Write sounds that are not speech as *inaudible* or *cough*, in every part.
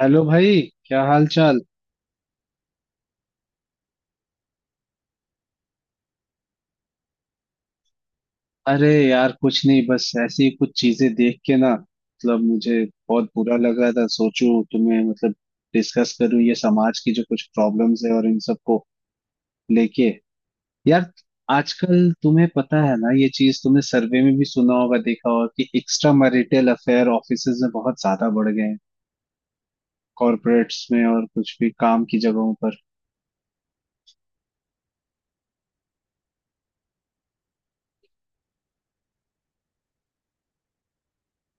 Hello भाई, क्या हाल चाल। अरे यार, कुछ नहीं, बस ऐसी ही कुछ चीजें देख के ना मतलब मुझे बहुत बुरा लग रहा था, सोचूं तुम्हें मतलब डिस्कस करूं ये समाज की जो कुछ प्रॉब्लम्स है और इन सबको लेके यार। आजकल तुम्हें पता है ना, ये चीज तुमने सर्वे में भी सुना होगा, देखा होगा कि एक्स्ट्रा मैरिटल अफेयर ऑफिसेज में बहुत ज्यादा बढ़ गए हैं, कॉर्पोरेट्स में और कुछ भी काम की जगहों पर।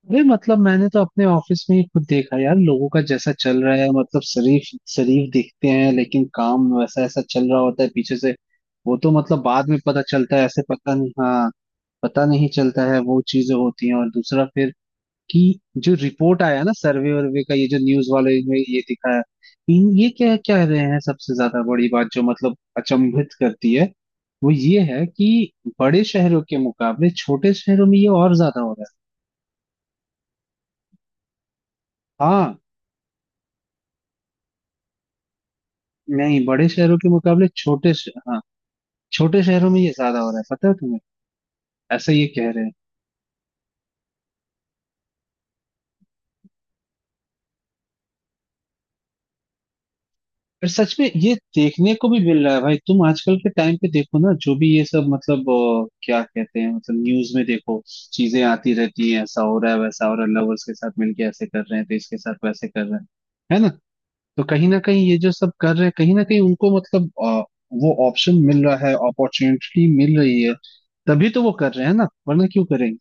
अरे मतलब मैंने तो अपने ऑफिस में ही खुद देखा यार, लोगों का जैसा चल रहा है, मतलब शरीफ शरीफ दिखते हैं लेकिन काम वैसा ऐसा चल रहा होता है पीछे से। वो तो मतलब बाद में पता चलता है, ऐसे पता नहीं, हाँ, पता नहीं चलता है, वो चीजें होती हैं। और दूसरा फिर कि जो रिपोर्ट आया ना, सर्वे वर्वे का, ये जो न्यूज वाले में ये दिखाया इन, ये क्या कह रहे हैं, सबसे ज्यादा बड़ी बात जो मतलब अचंभित करती है वो ये है कि बड़े शहरों के मुकाबले छोटे शहरों में ये और ज्यादा हो रहा है, हाँ। नहीं, बड़े शहरों के मुकाबले छोटे हाँ, छोटे शहरों में ये ज्यादा हो रहा है, पता है तुम्हें, ऐसा ये कह रहे हैं। पर सच में ये देखने को भी मिल रहा है भाई, तुम आजकल के टाइम पे देखो ना, जो भी ये सब मतलब क्या कहते हैं, मतलब न्यूज में देखो, चीजें आती रहती हैं, ऐसा हो रहा है वैसा हो रहा है, लवर्स के साथ मिलके ऐसे कर रहे हैं, तो इसके साथ वैसे कर रहे हैं, है ना। तो कहीं ना कहीं ये जो सब कर रहे हैं, कहीं ना कहीं उनको मतलब वो ऑप्शन मिल रहा है, अपॉर्चुनिटी मिल रही है, तभी तो वो कर रहे हैं ना, वरना क्यों करेंगे।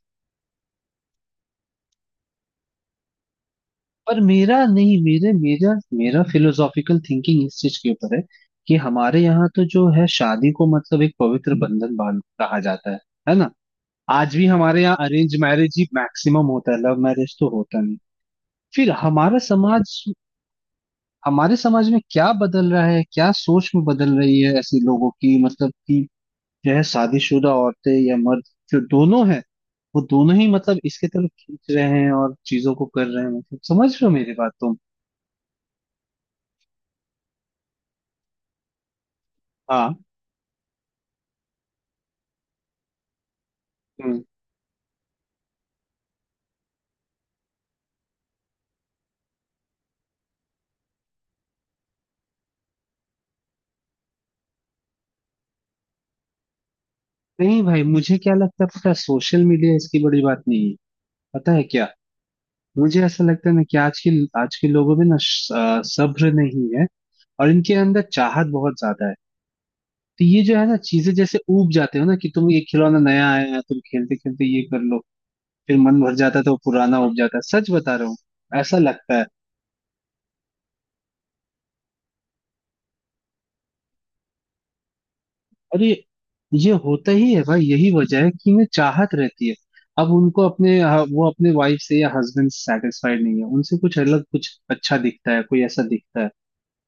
पर मेरा नहीं, मेरे मेरा मेरा फिलोसॉफिकल थिंकिंग इस चीज के ऊपर है कि हमारे यहाँ तो जो है शादी को मतलब एक पवित्र बंधन बांध कहा जाता है ना। आज भी हमारे यहाँ अरेंज मैरिज ही मैक्सिमम होता है, लव मैरिज तो होता नहीं। फिर हमारा समाज, हमारे समाज में क्या बदल रहा है, क्या सोच में बदल रही है ऐसे लोगों की, मतलब कि जो है शादीशुदा औरतें या मर्द, जो दोनों है, वो दोनों ही मतलब इसके तरफ खींच रहे हैं और चीजों को कर रहे हैं, मतलब समझ रहे हो मेरी बात तुम। हाँ। नहीं भाई, मुझे क्या लगता है पता है, सोशल मीडिया इसकी बड़ी बात नहीं है, पता है क्या, मुझे ऐसा लगता है ना कि आज के लोगों में ना सब्र नहीं है और इनके अंदर चाहत बहुत ज्यादा है। तो ये जो है ना चीजें जैसे ऊब जाते हो ना कि तुम ये खिलौना नया आया है, तुम खेलते खेलते ये कर लो, फिर मन भर जाता है तो वो पुराना ऊब जाता है, सच बता रहा हूँ, ऐसा लगता है। अरे ये होता ही है भाई, यही वजह है कि इन्हें चाहत रहती है, अब उनको अपने हाँ, वो अपने वाइफ से या हस्बैंड से सेटिस्फाइड नहीं है, उनसे कुछ अलग कुछ अच्छा दिखता है, कोई ऐसा दिखता है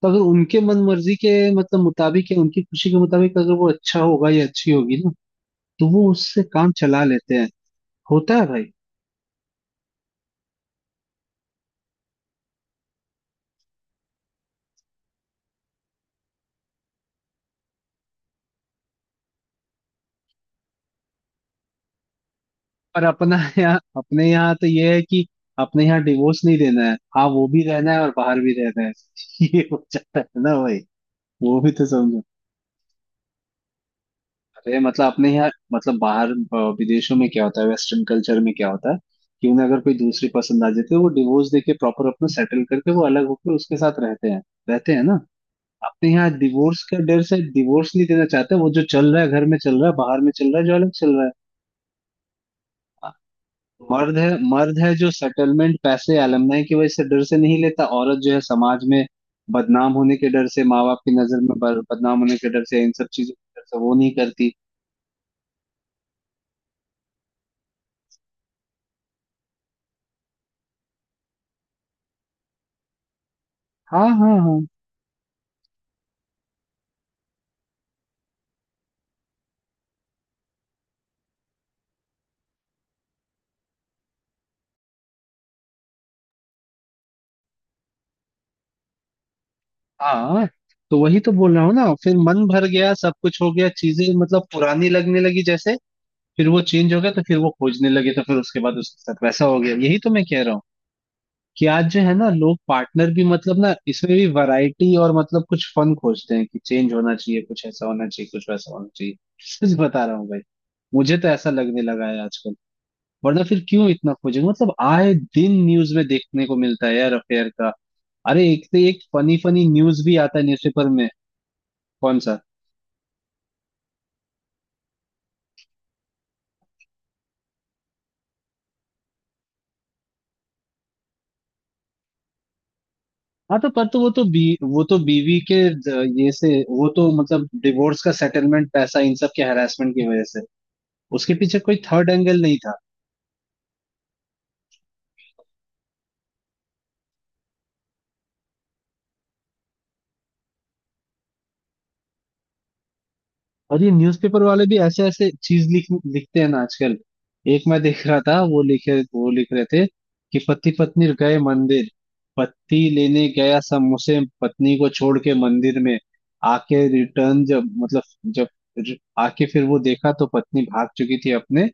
तो अगर उनके मन मर्जी के मतलब मुताबिक या उनकी खुशी के मुताबिक अगर वो अच्छा होगा या अच्छी होगी ना, तो वो उससे काम चला लेते हैं, होता है भाई। पर अपना *laughs* यहाँ, अपने यहाँ तो ये है कि अपने यहाँ डिवोर्स नहीं देना है, हाँ, वो भी रहना है और बाहर भी रहना है, *laughs* ये हो जाता है ना भाई, वो भी तो समझो। अरे मतलब अपने यहाँ मतलब बाहर विदेशों में क्या होता है, वेस्टर्न कल्चर में क्या होता है कि उन्हें अगर कोई दूसरी पसंद आ जाती है, वो डिवोर्स देके प्रॉपर अपना सेटल करके वो अलग होकर उसके साथ रहते हैं, रहते हैं ना। अपने यहाँ डिवोर्स का डर से डिवोर्स नहीं देना चाहते, वो जो चल रहा है घर में चल रहा है, बाहर में चल रहा है, जो अलग चल रहा है। हाँ, मर्द है, मर्द है जो सेटलमेंट पैसे अलमनाई की वजह से डर से नहीं लेता, औरत जो है समाज में बदनाम होने के डर से, माँ बाप की नजर में बदनाम होने के डर से, इन सब चीजों के डर से वो नहीं करती। हाँ, हाँ, हाँ, हाँ। तो वही तो बोल रहा हूँ ना, फिर मन भर गया, सब कुछ हो गया, चीजें मतलब पुरानी लगने लगी जैसे, फिर वो चेंज हो गया तो फिर वो खोजने लगे, तो फिर उसके बाद उसके साथ वैसा हो गया, यही तो मैं कह रहा हूँ कि आज जो है ना, लोग पार्टनर भी मतलब ना इसमें भी वैरायटी और मतलब कुछ फन खोजते हैं कि चेंज होना चाहिए, कुछ ऐसा होना चाहिए, कुछ वैसा होना चाहिए। सच बता रहा हूँ भाई, मुझे तो ऐसा लगने लगा है आजकल। वरना फिर क्यों इतना खोजेंगे, मतलब आए दिन न्यूज में देखने को मिलता है यार अफेयर का। अरे एक से एक फनी फनी न्यूज भी आता है न्यूज़पेपर में। कौन सा। हाँ, तो पर तो वो तो बीवी के ये से वो तो मतलब डिवोर्स का सेटलमेंट पैसा इन सब के हरासमेंट की वजह से, उसके पीछे कोई थर्ड एंगल नहीं था। और ये न्यूज़पेपर वाले भी ऐसे ऐसे चीज लिख लिखते हैं ना आजकल। एक मैं देख रहा था वो लिख रहे थे कि पति पत्नी गए मंदिर, पति लेने गया समोसे, पत्नी को छोड़ के मंदिर में, आके रिटर्न जब मतलब जब आके फिर वो देखा तो पत्नी भाग चुकी थी अपने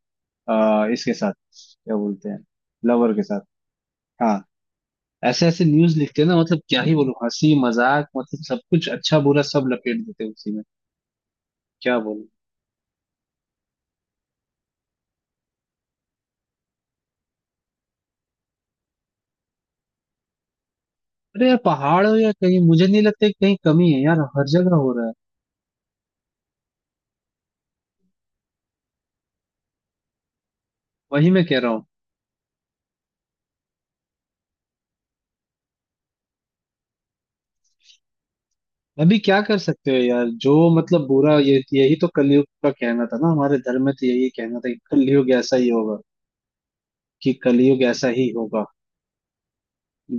इसके साथ, क्या बोलते हैं, लवर के साथ, हाँ। ऐसे ऐसे न्यूज लिखते हैं ना, मतलब क्या ही बोलूं, हंसी मजाक मतलब सब कुछ अच्छा बुरा सब लपेट देते हैं उसी में, क्या बोलूं। अरे यार, पहाड़ हो या कहीं मुझे नहीं लगता कि कहीं कमी है यार, हर जगह हो रहा है, वही मैं कह रहा हूँ। अभी क्या कर सकते हो यार, जो मतलब बुरा ये यही तो कलयुग का कहना था ना, हमारे धर्म में तो यही कहना था कि कलयुग ऐसा ही होगा, कि कलयुग ऐसा ही होगा।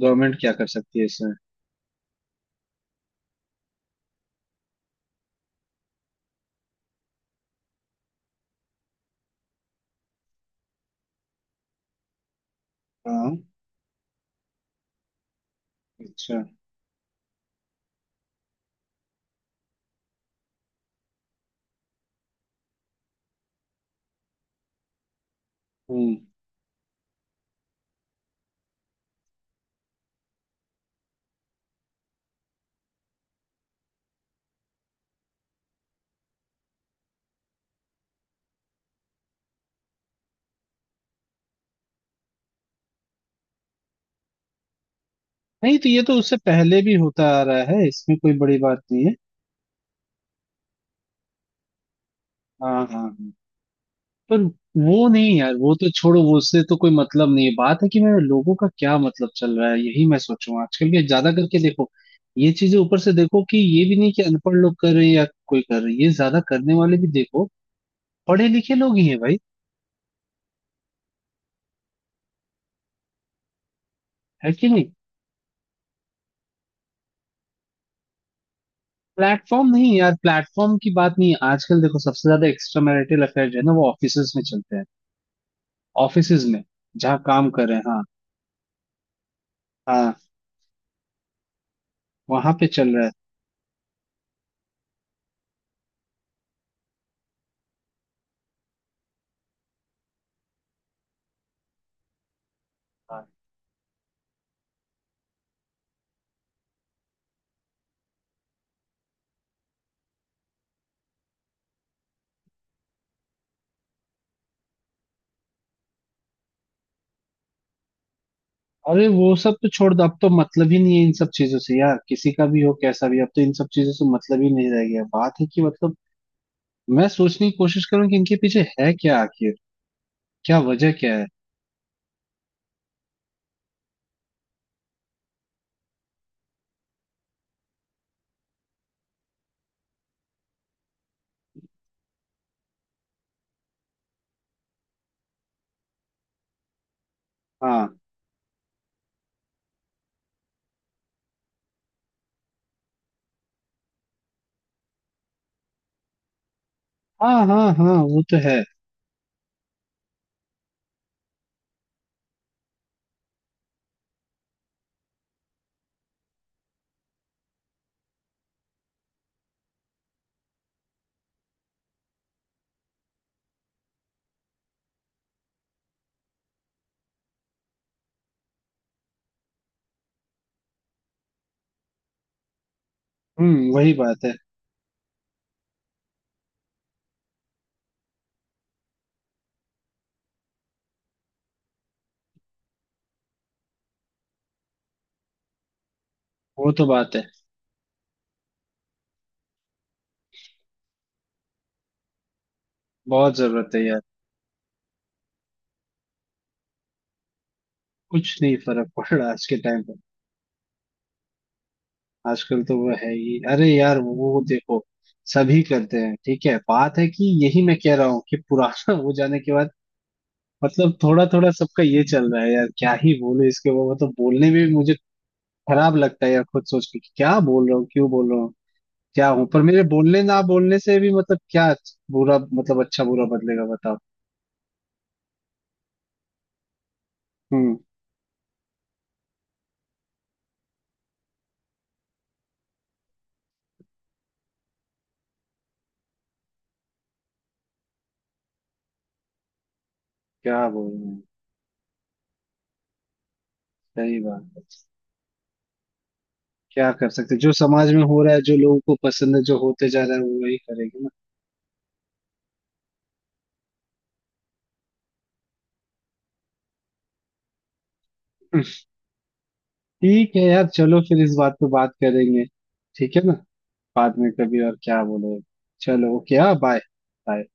गवर्नमेंट क्या कर सकती है इसमें। हाँ। अच्छा। हम्म। नहीं, तो ये तो उससे पहले भी होता आ रहा है, इसमें कोई बड़ी बात नहीं है। हाँ, हाँ, हाँ। पर वो नहीं यार, वो तो छोड़ो, वो उससे तो कोई मतलब नहीं है, बात है कि मैं लोगों का क्या मतलब चल रहा है, यही मैं सोचूं आजकल के ज्यादा करके देखो, ये चीजें ऊपर से देखो कि ये भी नहीं कि अनपढ़ लोग कर रहे हैं या कोई कर रहे हैं, ये ज्यादा करने वाले भी देखो पढ़े लिखे लोग ही है भाई, है कि नहीं। प्लेटफॉर्म नहीं यार, प्लेटफॉर्म की बात नहीं है, आजकल देखो सबसे ज्यादा एक्स्ट्रा मैरिटल अफेयर जो है ना वो ऑफिसेज में चलते हैं, ऑफिसेज में, जहाँ काम कर रहे हैं, हाँ, हाँ, वहां पे चल रहा है। अरे वो सब तो छोड़ दो, अब तो मतलब ही नहीं है इन सब चीजों से यार, किसी का भी हो कैसा भी, अब तो इन सब चीजों से मतलब ही नहीं रह गया, बात है कि मतलब मैं सोचने की कोशिश करूं कि इनके पीछे है क्या आखिर, क्या वजह क्या है। हाँ, हाँ, हाँ, हाँ, वो तो है। हम्म, वही बात है। वो तो बात है, बहुत जरूरत है यार। कुछ नहीं फर्क *laughs* पड़ रहा आज के टाइम पर। आजकल तो वो है ही, अरे यार वो देखो, सभी करते हैं, ठीक है, बात है कि यही मैं कह रहा हूँ कि पुराना *laughs* हो जाने के बाद मतलब थोड़ा थोड़ा सबका ये चल रहा है यार, क्या ही बोलूं, इसके वो मतलब बोलने में भी मुझे खराब लगता है यार, खुद सोच के कि क्या बोल रहा हूँ, क्यों बोल रहा हूँ, क्या हूँ, पर मेरे बोलने ना बोलने से भी मतलब क्या बुरा मतलब अच्छा बुरा बदलेगा बताओ। हम्म, क्या बोल रहे हैं। सही बात है। क्या कर सकते हैं? जो समाज में हो रहा है, जो लोगों को पसंद है, जो होते जा रहा है, वो वही करेंगे ना। ठीक है यार, चलो फिर इस बात पे बात करेंगे, ठीक है ना, बाद में कभी और, क्या बोलो, चलो ओके, हाँ, बाय, बाय।